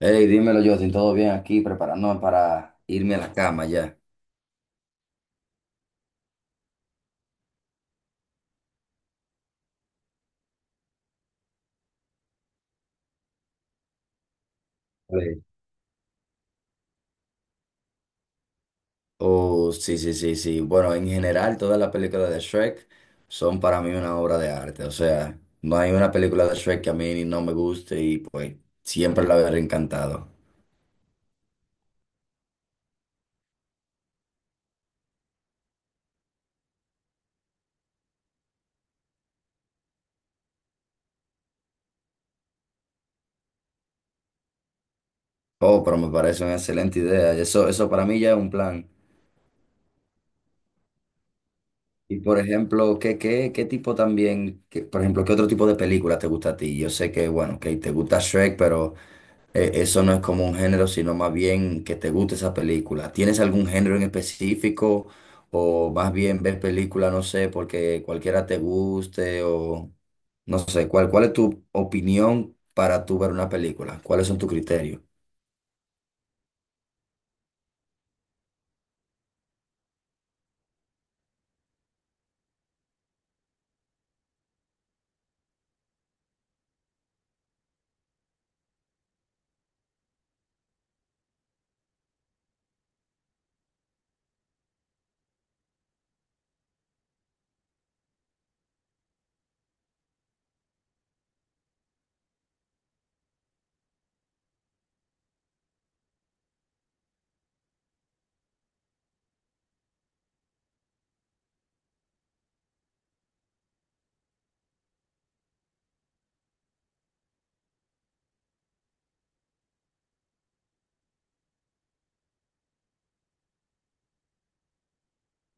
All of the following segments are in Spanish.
Hey, dímelo, Justin, ¿todo bien aquí? Preparándome para irme a la cama ya. Sí. Oh, sí, sí, sí, sí. Bueno, en general, todas las películas de Shrek son para mí una obra de arte. O sea, no hay una película de Shrek que a mí no me guste y pues siempre la veré encantado. Oh, pero me parece una excelente idea. Eso para mí ya es un plan. Y por ejemplo, ¿qué tipo también, por ejemplo, ¿qué otro tipo de película te gusta a ti? Yo sé que, bueno, que te gusta Shrek, pero... Eso no es como un género, sino más bien que te guste esa película. ¿Tienes algún género en específico o más bien ver película, no sé, porque cualquiera te guste o no sé, cuál es tu opinión para tú ver una película? ¿Cuáles son tus criterios?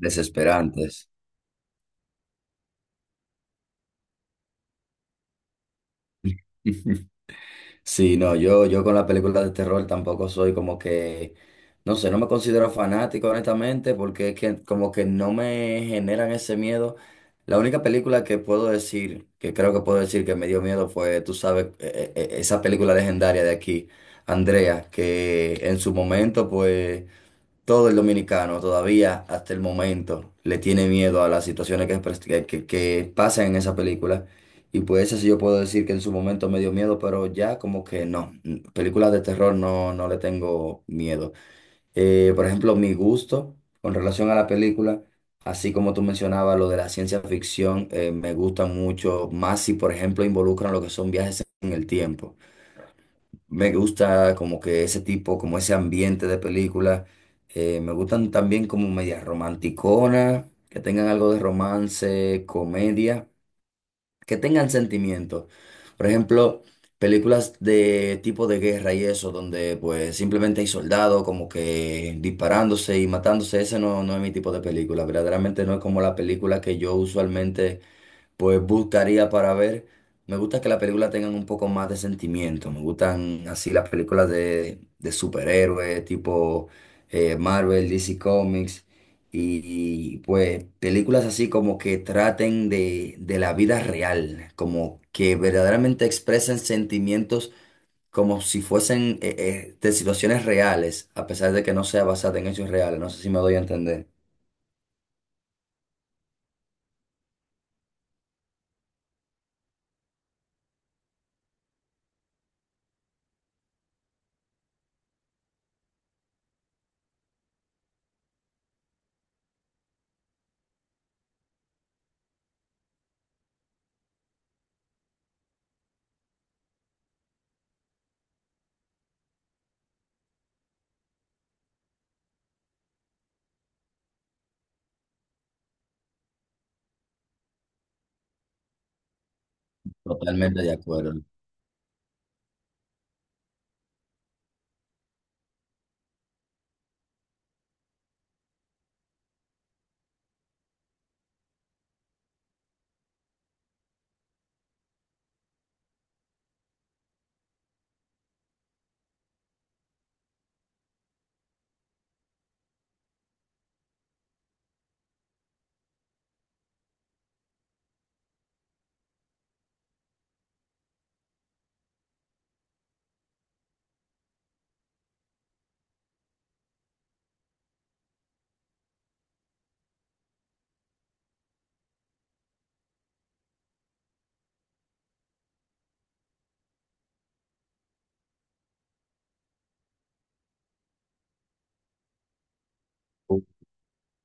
Desesperantes. Sí, no, yo con las películas de terror tampoco soy como que, no sé, no me considero fanático honestamente porque es que como que no me generan ese miedo. La única película que puedo decir, que creo que puedo decir que me dio miedo fue, tú sabes, esa película legendaria de aquí, Andrea, que en su momento pues todo el dominicano todavía hasta el momento le tiene miedo a las situaciones que, que pasan en esa película. Y pues eso sí yo puedo decir que en su momento me dio miedo, pero ya como que no. Películas de terror no, no le tengo miedo. Por ejemplo, mi gusto con relación a la película, así como tú mencionabas lo de la ciencia ficción, me gusta mucho más si, por ejemplo, involucran lo que son viajes en el tiempo. Me gusta como que ese tipo, como ese ambiente de película. Me gustan también como medias romanticonas, que tengan algo de romance, comedia, que tengan sentimientos. Por ejemplo, películas de tipo de guerra y eso, donde pues simplemente hay soldados como que disparándose y matándose. Ese no, no es mi tipo de película. Verdaderamente no es como la película que yo usualmente pues buscaría para ver. Me gusta que las películas tengan un poco más de sentimiento. Me gustan así las películas de superhéroes, tipo Marvel, DC Comics. Y, y, pues películas así como que traten de la vida real, como que verdaderamente expresen sentimientos, como si fuesen de situaciones reales, a pesar de que no sea basada en hechos reales. No sé si me doy a entender. Totalmente de acuerdo.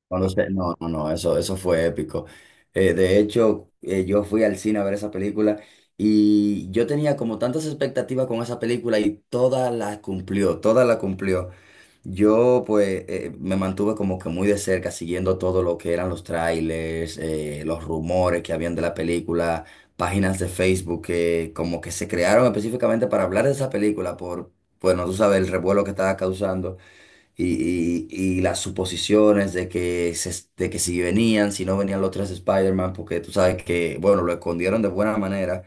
No lo sé, no, eso, eso fue épico. De hecho, yo fui al cine a ver esa película y yo tenía como tantas expectativas con esa película y toda la cumplió, toda la cumplió. Yo pues me mantuve como que muy de cerca siguiendo todo lo que eran los trailers, los rumores que habían de la película, páginas de Facebook que como que se crearon específicamente para hablar de esa película por, bueno, tú sabes, el revuelo que estaba causando y las suposiciones de que, de que si venían, si no venían los tres Spider-Man, porque tú sabes que, bueno, lo escondieron de buena manera,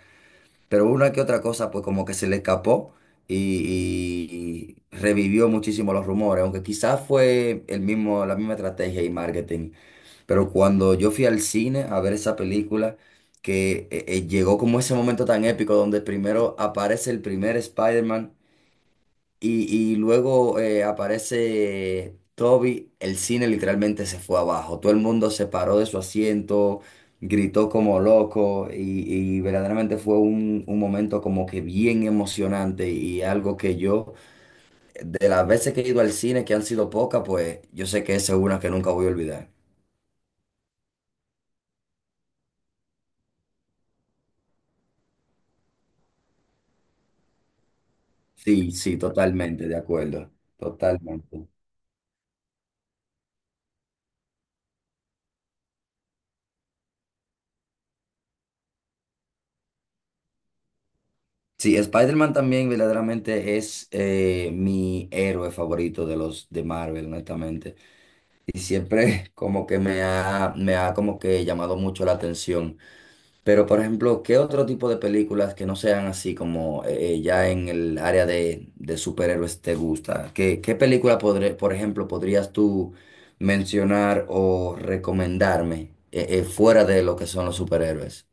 pero una que otra cosa, pues como que se le escapó y, y revivió muchísimo los rumores, aunque quizás fue el mismo, la misma estrategia y marketing, pero cuando yo fui al cine a ver esa película, que llegó como ese momento tan épico donde primero aparece el primer Spider-Man y luego aparece Toby, el cine literalmente se fue abajo, todo el mundo se paró de su asiento, gritó como loco y verdaderamente fue un momento como que bien emocionante y algo que yo, de las veces que he ido al cine, que han sido pocas, pues yo sé que esa es una que nunca voy a olvidar. Sí, sí, totalmente, de acuerdo, totalmente. Sí, Spider-Man también verdaderamente es mi héroe favorito de los de Marvel, honestamente. Y siempre como que me ha como que llamado mucho la atención. Pero, por ejemplo, ¿qué otro tipo de películas que no sean así como ya en el área de superhéroes te gusta? ¿Qué, qué película, por ejemplo, podrías tú mencionar o recomendarme fuera de lo que son los superhéroes?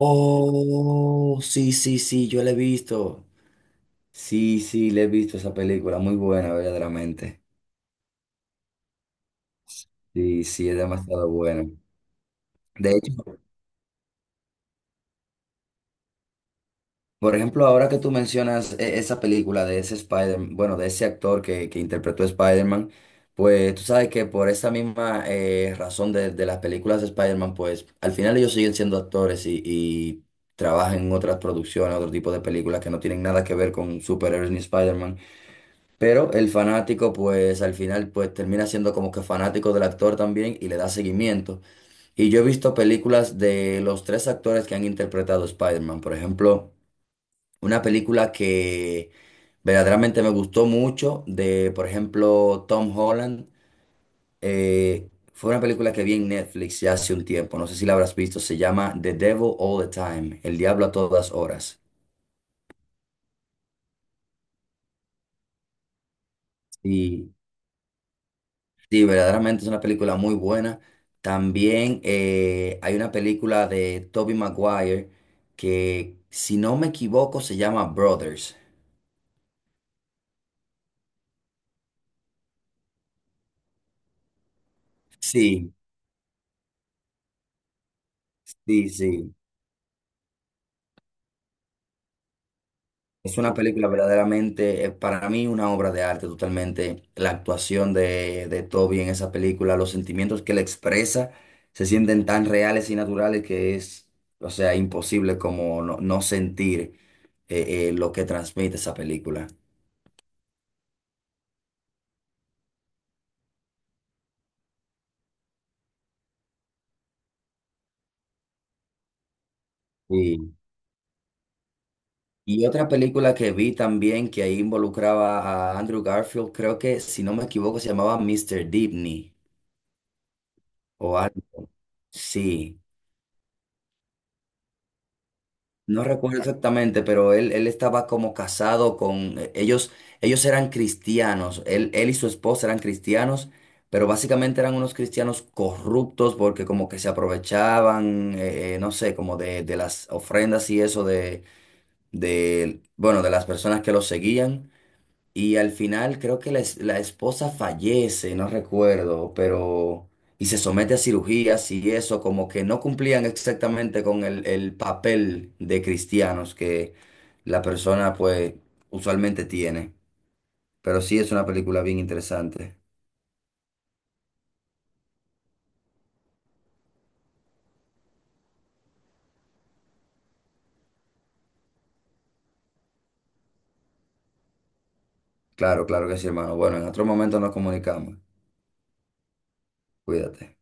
Oh, sí, sí, sí, yo la he visto. Sí, sí, le he visto esa película, muy buena, verdaderamente. Sí, sí, es demasiado buena. Por ejemplo, ahora que tú mencionas esa película de ese Spider, bueno, de ese actor que interpretó a Spider-Man, pues tú sabes que por esa misma razón de las películas de Spider-Man, pues al final ellos siguen siendo actores y trabajan en otras producciones, otro tipo de películas que no tienen nada que ver con superhéroes ni Spider-Man. Pero el fanático, pues al final, pues termina siendo como que fanático del actor también y le da seguimiento. Y yo he visto películas de los tres actores que han interpretado a Spider-Man, por ejemplo. Una película que verdaderamente me gustó mucho, de por ejemplo Tom Holland, fue una película que vi en Netflix ya hace un tiempo, no sé si la habrás visto, se llama The Devil All the Time, El Diablo a todas horas. Y sí, verdaderamente es una película muy buena. También hay una película de Tobey Maguire que, si no me equivoco, se llama Brothers. Sí, sí, sí. Es una película verdaderamente, para mí, una obra de arte totalmente. La actuación de Toby en esa película, los sentimientos que él expresa, se sienten tan reales y naturales que es, o sea, imposible como no, no sentir lo que transmite esa película. Y, y otra película que vi también que ahí involucraba a Andrew Garfield, creo que, si no me equivoco, se llamaba Mr. Dibny o algo. Sí. No recuerdo exactamente, pero él estaba como casado con ellos, ellos eran cristianos, él y su esposa eran cristianos, pero básicamente eran unos cristianos corruptos porque como que se aprovechaban, no sé, como de las ofrendas y eso de, bueno, de las personas que los seguían. Y al final creo que la, la esposa fallece, no recuerdo, pero... Y se somete a cirugías y eso, como que no cumplían exactamente con el papel de cristianos que la persona pues usualmente tiene. Pero sí es una película bien interesante. Claro, claro que sí, hermano. Bueno, en otro momento nos comunicamos. Cuídate.